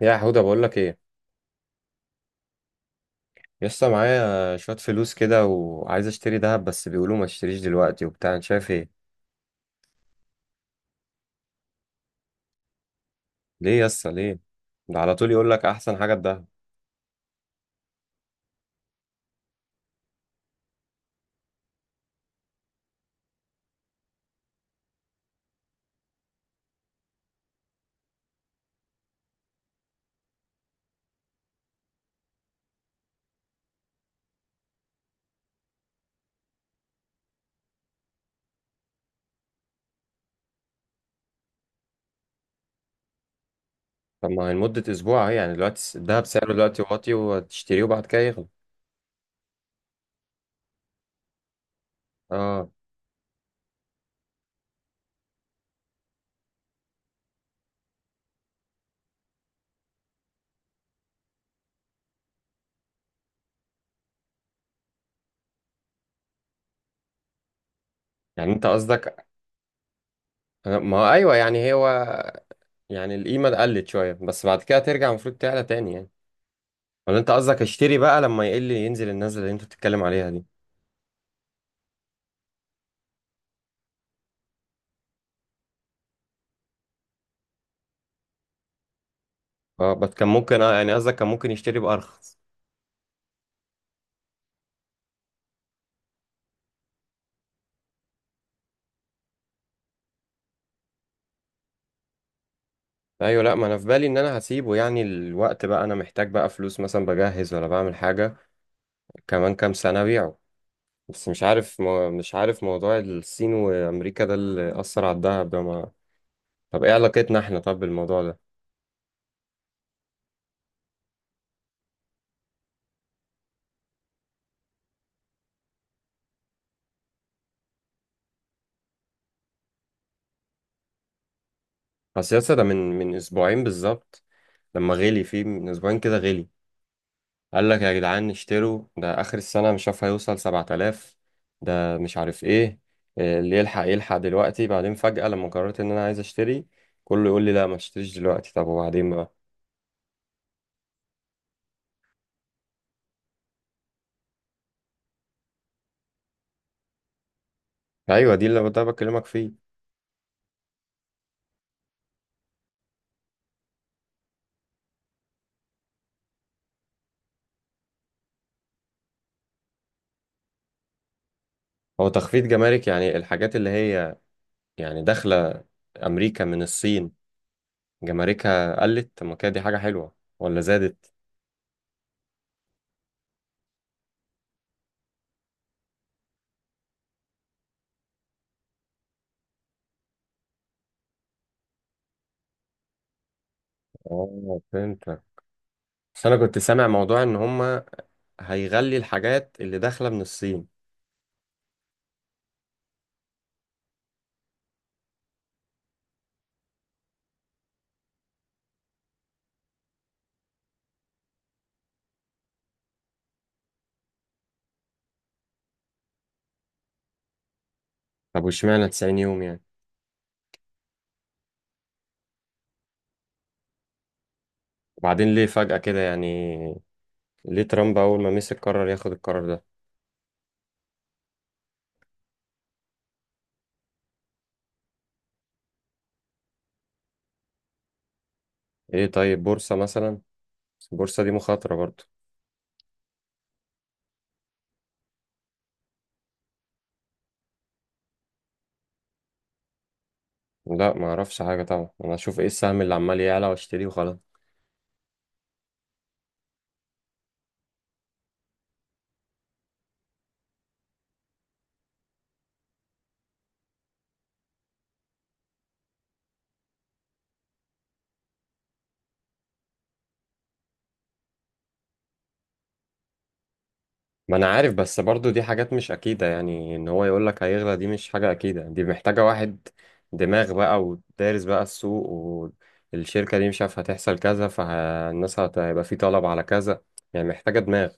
يا حوده، بقول لك ايه؟ لسه معايا شويه فلوس كده وعايز اشتري ذهب، بس بيقولوا ما اشتريش دلوقتي وبتاع. انت شايف ايه؟ ليه؟ لسه ليه؟ ده على طول يقول لك احسن حاجه الذهب. طب ما هي لمده اسبوع اهي. يعني دلوقتي الذهب سعره دلوقتي واطي وتشتريه وبعد كده يغلى. اه، يعني انت قصدك. ما هو ايوه، يعني هو. يعني القيمه قلت شويه، بس بعد كده ترجع المفروض تعلى تاني يعني. ولا انت قصدك اشتري بقى لما يقل، ينزل النزله اللي انت بتتكلم عليها دي؟ اه، بس كان ممكن، اه يعني قصدك كان ممكن يشتري بارخص. ايوه، لا ما انا في بالي ان انا هسيبه. يعني الوقت بقى انا محتاج بقى فلوس، مثلا بجهز ولا بعمل حاجه كمان كام سنه ابيعه. بس مش عارف، مش عارف موضوع الصين وامريكا ده اللي اثر على الدهب ده ما. طب ايه علاقتنا احنا طب بالموضوع ده؟ اصل يا اسطى، ده من اسبوعين بالظبط، لما غلي فيه من اسبوعين كده غلي. قال لك يا جدعان اشتروا، ده اخر السنه مش عارف هيوصل 7000، ده مش عارف ايه. إيه اللي يلحق يلحق دلوقتي؟ بعدين فجاه لما قررت ان انا عايز اشتري، كله يقول لي لا ما تشتريش دلوقتي. طب وبعدين؟ ايوه، دي اللي ده بكلمك فيه. هو تخفيض جمارك يعني الحاجات اللي هي يعني داخله امريكا من الصين جماركها قلت؟ طب ما كده دي حاجه حلوه ولا زادت؟ اه، فهمتك. بس انا كنت سامع موضوع ان هما هيغلي الحاجات اللي داخله من الصين. طب واشمعنى 90 يوم يعني؟ وبعدين ليه فجأة كده يعني؟ ليه ترامب اول ما مسك قرر ياخد القرار ده؟ ايه طيب، بورصه مثلا؟ بس البورصه دي مخاطره برضه. لا ما اعرفش حاجه طبعا، انا اشوف ايه السهم اللي عمال يعلى واشتريه وخلاص. ما انا عارف، بس برضو دي حاجات مش اكيدة. يعني ان هو يقولك هيغلى دي مش حاجة اكيدة، دي محتاجة واحد دماغ بقى ودارس بقى السوق. والشركة دي مش عارف هتحصل كذا، فالناس هيبقى في طلب على كذا. يعني محتاجة دماغ.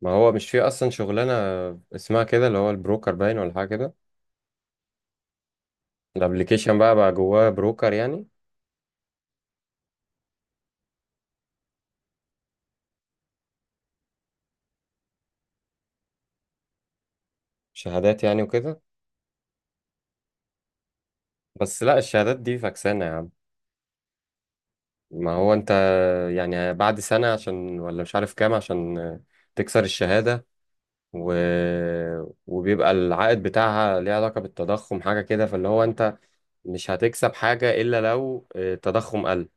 ما هو مش في اصلا شغلانة اسمها كده، اللي هو البروكر باين ولا حاجة كده. الابليكيشن بقى جواه بروكر يعني. شهادات يعني وكده. بس لا، الشهادات دي فكسانة يا عم. ما هو انت، يعني بعد سنة عشان ولا مش عارف كام عشان تكسر الشهادة و... وبيبقى العائد بتاعها ليه علاقة بالتضخم حاجة كده، فاللي هو انت مش هتكسب حاجة إلا لو التضخم قل.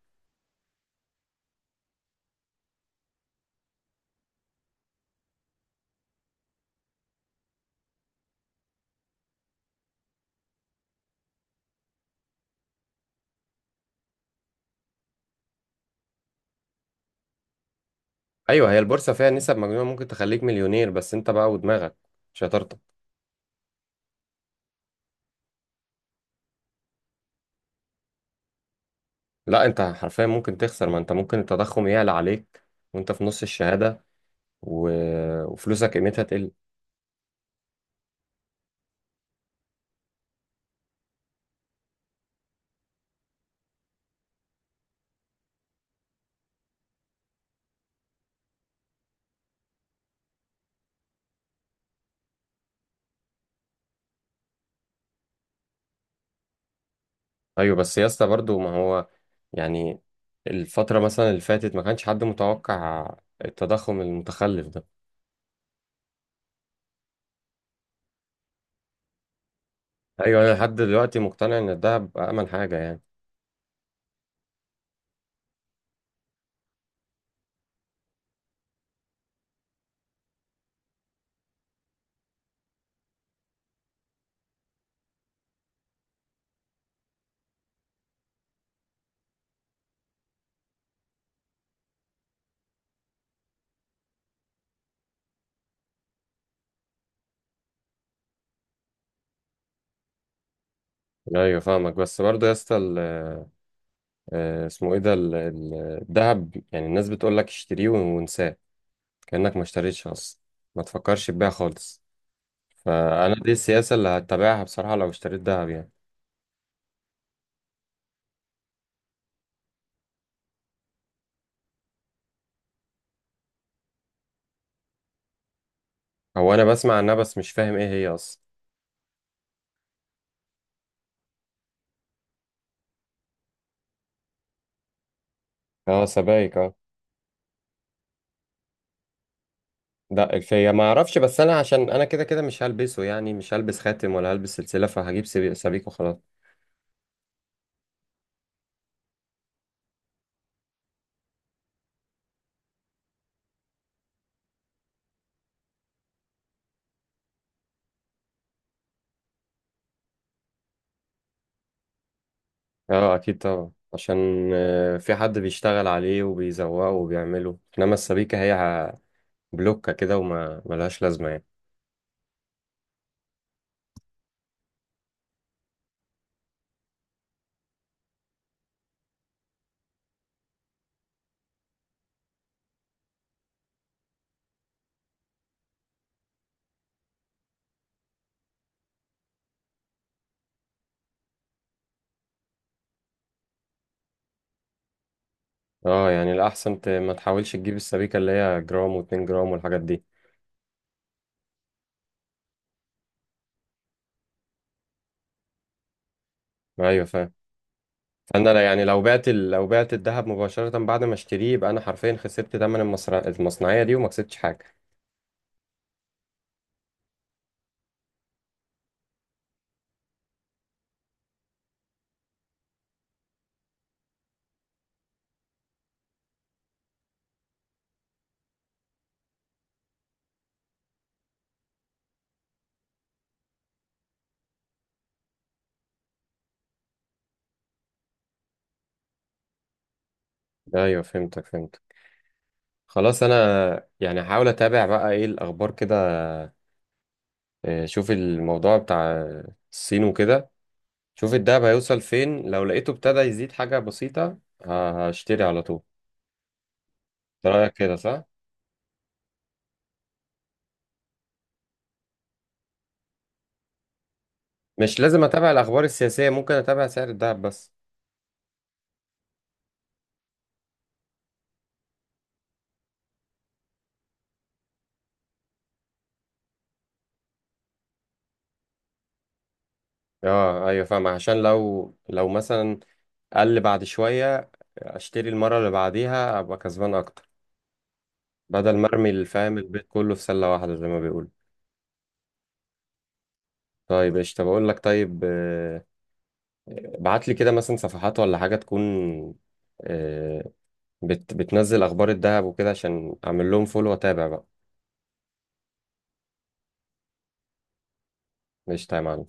أيوة، هي البورصة فيها نسب مجنونة ممكن تخليك مليونير، بس انت بقى ودماغك، شطارتك. لا انت حرفيا ممكن تخسر، ما انت ممكن التضخم يعلى عليك وانت في نص الشهادة و... وفلوسك قيمتها تقل. أيوة بس يا اسطى برضه ما هو، يعني الفترة مثلا اللي فاتت ما كانش حد متوقع التضخم المتخلف ده. ايوه، انا لحد دلوقتي مقتنع ان الدهب امن حاجه يعني. ايوه فاهمك، بس برضه يا اسطى اسمه ايه ده الدهب، يعني الناس بتقول لك اشتريه وانساه، كانك ما اشتريتش اصلا، ما تفكرش تبيع خالص. فانا دي السياسه اللي هتبعها بصراحه لو اشتريت دهب يعني. هو انا بسمع عنها، بس مش فاهم ايه هي اصلا. اه، سبائك اه. دق فيا ما اعرفش، بس انا عشان انا كده كده مش هلبسه، يعني مش هلبس خاتم ولا هلبس سلسله، فهجيب سبيك وخلاص. اه اكيد طبعا، عشان في حد بيشتغل عليه وبيزوقه وبيعمله، انما السبيكة هي بلوكة كده وما ملهاش لازمة يعني. اه يعني الاحسن ما تحاولش تجيب السبيكة اللي هي جرام واتنين جرام والحاجات دي. ايوه، فاهم. فانا يعني لو بعت الذهب مباشرة بعد ما اشتريه، يبقى انا حرفيا خسرت تمن المصنعية دي وما كسبتش حاجة. ايوه فهمتك فهمتك. خلاص، انا يعني هحاول اتابع بقى ايه الاخبار كده. شوف الموضوع بتاع الصين وكده، شوف الدهب هيوصل فين، لو لقيته ابتدى يزيد حاجة بسيطة هشتري على طول. ده رأيك كده صح؟ مش لازم اتابع الاخبار السياسية، ممكن اتابع سعر الدهب بس؟ اه ايوه فاهم، عشان لو مثلا قل بعد شوية، اشتري المرة اللي بعديها ابقى كسبان اكتر. بدل ما ارمي الفاهم البيت كله في سلة واحدة زي ما بيقول. طيب قشطة، بقول لك طيب، ابعت لي كده مثلا صفحات ولا حاجة تكون، آه، بتنزل اخبار الدهب وكده عشان اعمل لهم فولو واتابع بقى. قشطة يا معلم.